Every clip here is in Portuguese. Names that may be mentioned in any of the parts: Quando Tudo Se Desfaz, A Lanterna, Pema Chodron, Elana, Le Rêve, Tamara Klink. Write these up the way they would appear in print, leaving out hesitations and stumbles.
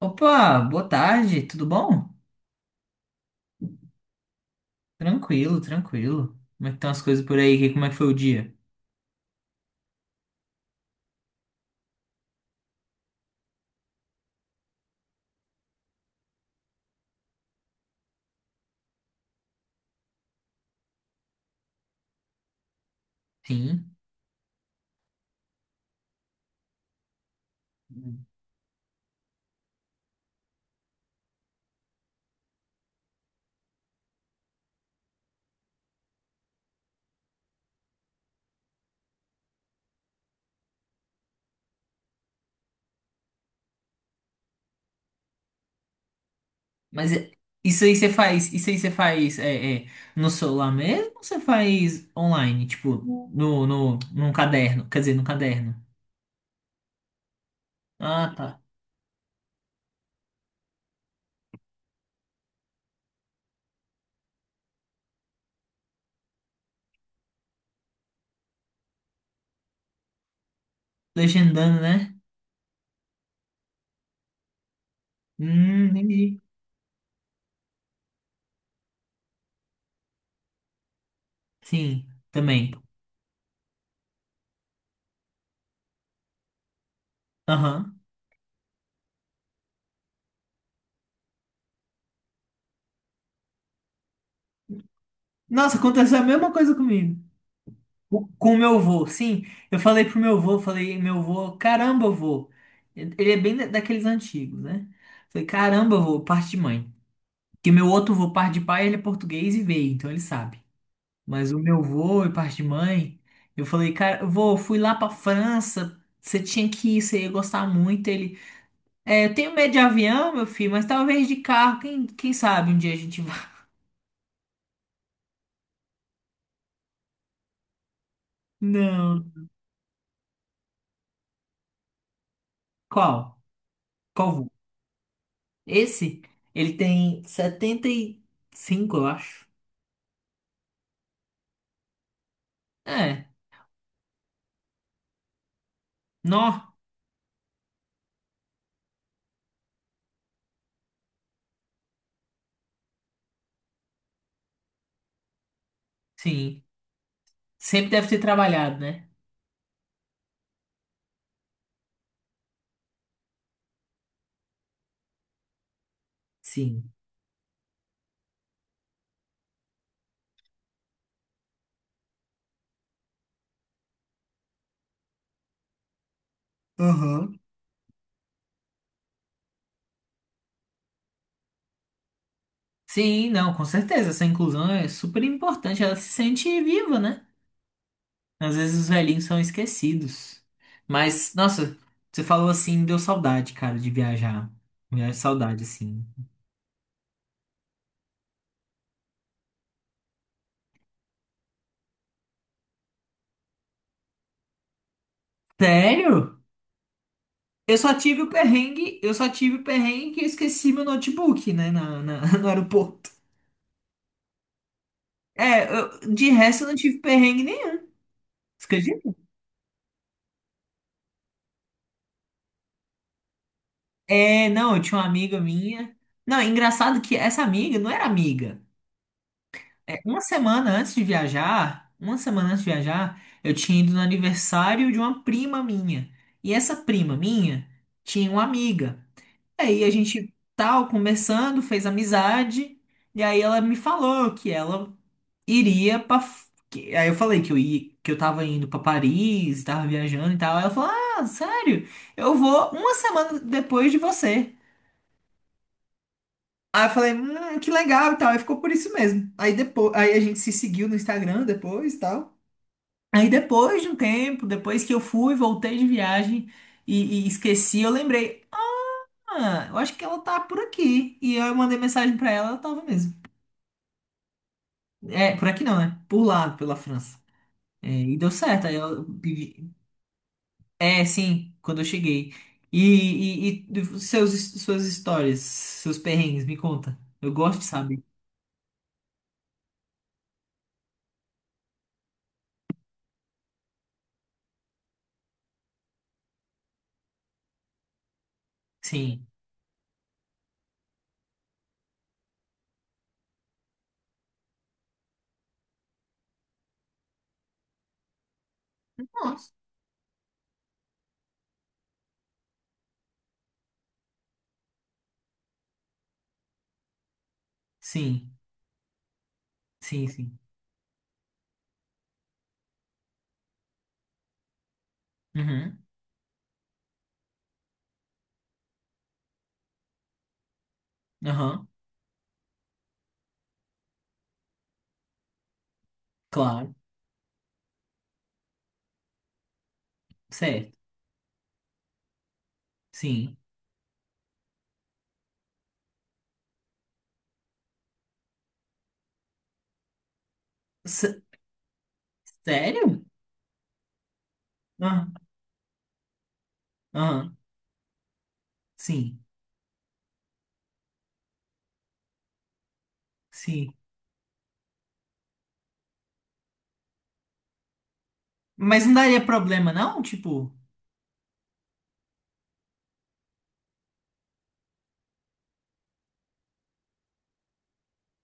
Opa, boa tarde, tudo bom? Tranquilo, tranquilo. Como é que estão as coisas por aí? Como é que foi o dia? Sim. Mas isso aí você faz no celular mesmo ou você faz online? Tipo, no, no, num caderno, quer dizer, num caderno. Ah, tá. Legendando, né? Entendi. Sim, também. Aham. Nossa, aconteceu a mesma coisa comigo. Com o meu avô, sim. Eu falei pro meu avô, falei, meu avô, caramba, avô. Ele é bem daqueles antigos, né? Falei, caramba, avô, parte de mãe. Porque meu outro avô, parte de pai, ele é português e veio, então ele sabe. Mas o meu avô e parte de mãe, eu falei, cara, avô, eu fui lá pra França, você tinha que ir, você ia gostar muito. Ele, eu tenho medo de avião, meu filho, mas talvez de carro, quem sabe um dia a gente vai. Não. Qual? Qual? Esse, ele tem 75, eu acho. É, nó, sim. Sempre deve ter trabalhado, né? Sim. Aham. Sim, não, com certeza. Essa inclusão é super importante. Ela se sente viva, né? Às vezes os velhinhos são esquecidos. Mas, nossa, você falou assim, deu saudade, cara, de viajar. Viajar saudade, assim. Sério? Eu só tive o perrengue que eu esqueci meu notebook, né, no aeroporto. É, de resto eu não tive perrengue nenhum. Você acredita? É, não, eu tinha uma amiga minha. Não, é engraçado que essa amiga não era amiga. É, uma semana antes de viajar, eu tinha ido no aniversário de uma prima minha. E essa prima minha tinha uma amiga. Aí a gente tal, conversando, fez amizade. E aí ela me falou que ela iria pra. Aí eu falei que eu ia, que eu tava indo pra Paris, tava viajando e tal. Aí ela falou: Ah, sério? Eu vou uma semana depois de você. Aí eu falei: que legal e tal. Aí ficou por isso mesmo. Aí depois, aí a gente se seguiu no Instagram depois e tal. Aí depois de um tempo, depois que eu fui, voltei de viagem e esqueci, eu lembrei: Ah, eu acho que ela tá por aqui. E aí eu mandei mensagem pra ela, ela tava mesmo. É, por aqui não, né? Por lá, pela França. É, e deu certo. Aí eu pedi. É, sim, quando eu cheguei. E, e suas histórias, seus perrengues, me conta. Eu gosto de saber. Sim, nossa, sim, sim, sim. Uhum, aham, claro, certo, sim. S- Sério? Ah, aham, sim, sim. Mas não daria problema, não? Tipo,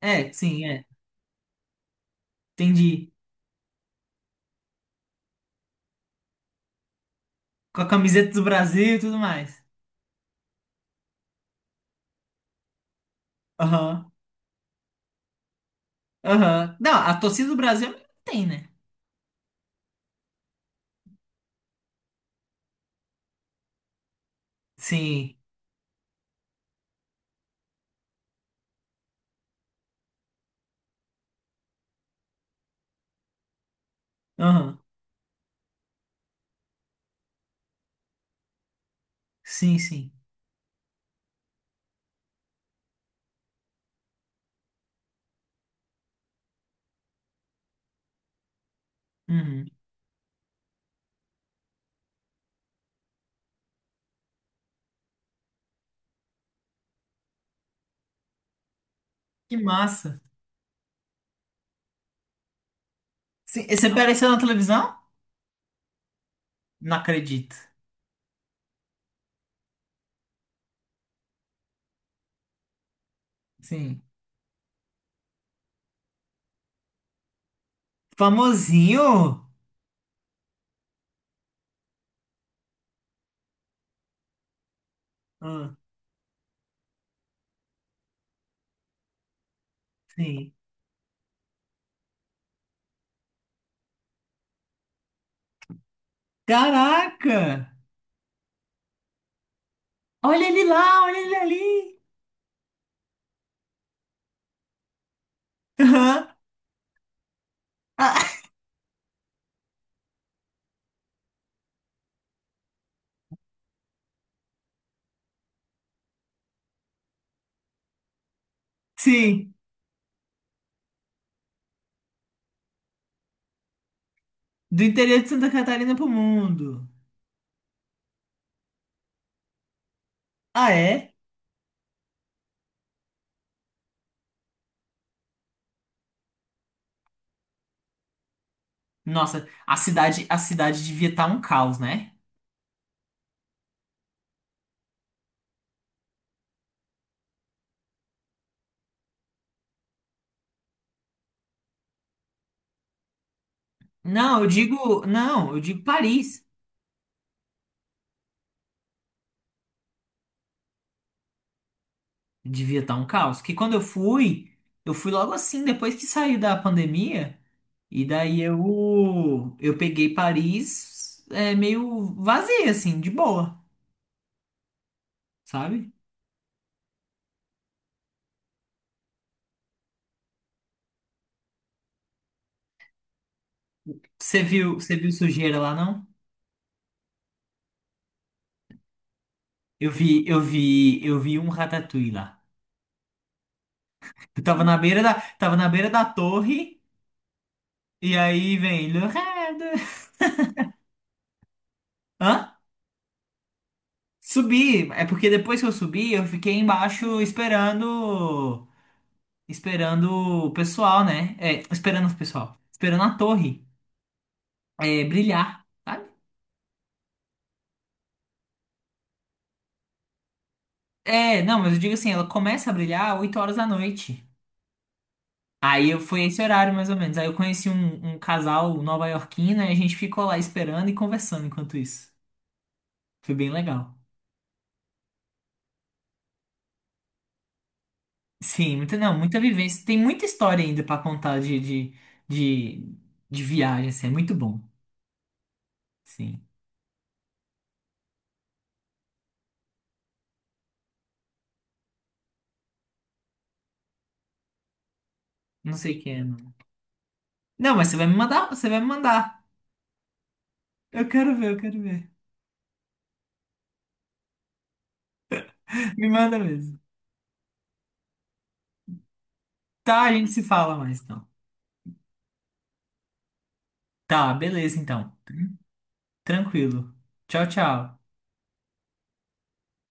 é, sim, é, entendi. Com a camiseta do Brasil e tudo mais. Aham, aham. Não, a torcida do Brasil tem, né? Sim, aham, sim, sim. Uhum. Que massa. Sim, e você apareceu na televisão? Não acredito. Sim. Famosinho? Ah, sim. Caraca! Olha ele lá, olha ele ali. Aham. Ah, sim. Do interior de Santa Catarina pro mundo. Ah, é? Nossa, a cidade devia estar um caos, né? Não, eu digo, não, eu digo Paris. Devia estar um caos. Que quando eu fui, logo assim, depois que saiu da pandemia. E daí eu peguei Paris, meio vazia, assim, de boa, sabe? Você viu sujeira lá, não? Eu vi um ratatouille lá. Eu tava na beira da torre, e aí vem... Le Rêve. Hã? Subi, é porque depois que eu subi, eu fiquei embaixo esperando esperando o pessoal, né? É, esperando o pessoal, esperando a torre, brilhar, sabe? É, não, mas eu digo assim, ela começa a brilhar 8 horas da noite. Aí eu foi esse horário mais ou menos. Aí eu conheci um casal nova-iorquino e a gente ficou lá esperando e conversando enquanto isso. Foi bem legal. Sim, muita, não, muita vivência. Tem muita história ainda pra contar de, de, viagem, assim, é muito bom. Sim. Não sei o que é, não. Não, mas você vai me mandar, você vai me mandar. Eu quero ver, eu quero ver. Me manda mesmo. Tá, a gente se fala mais então. Tá, beleza então. Tranquilo. Tchau, tchau.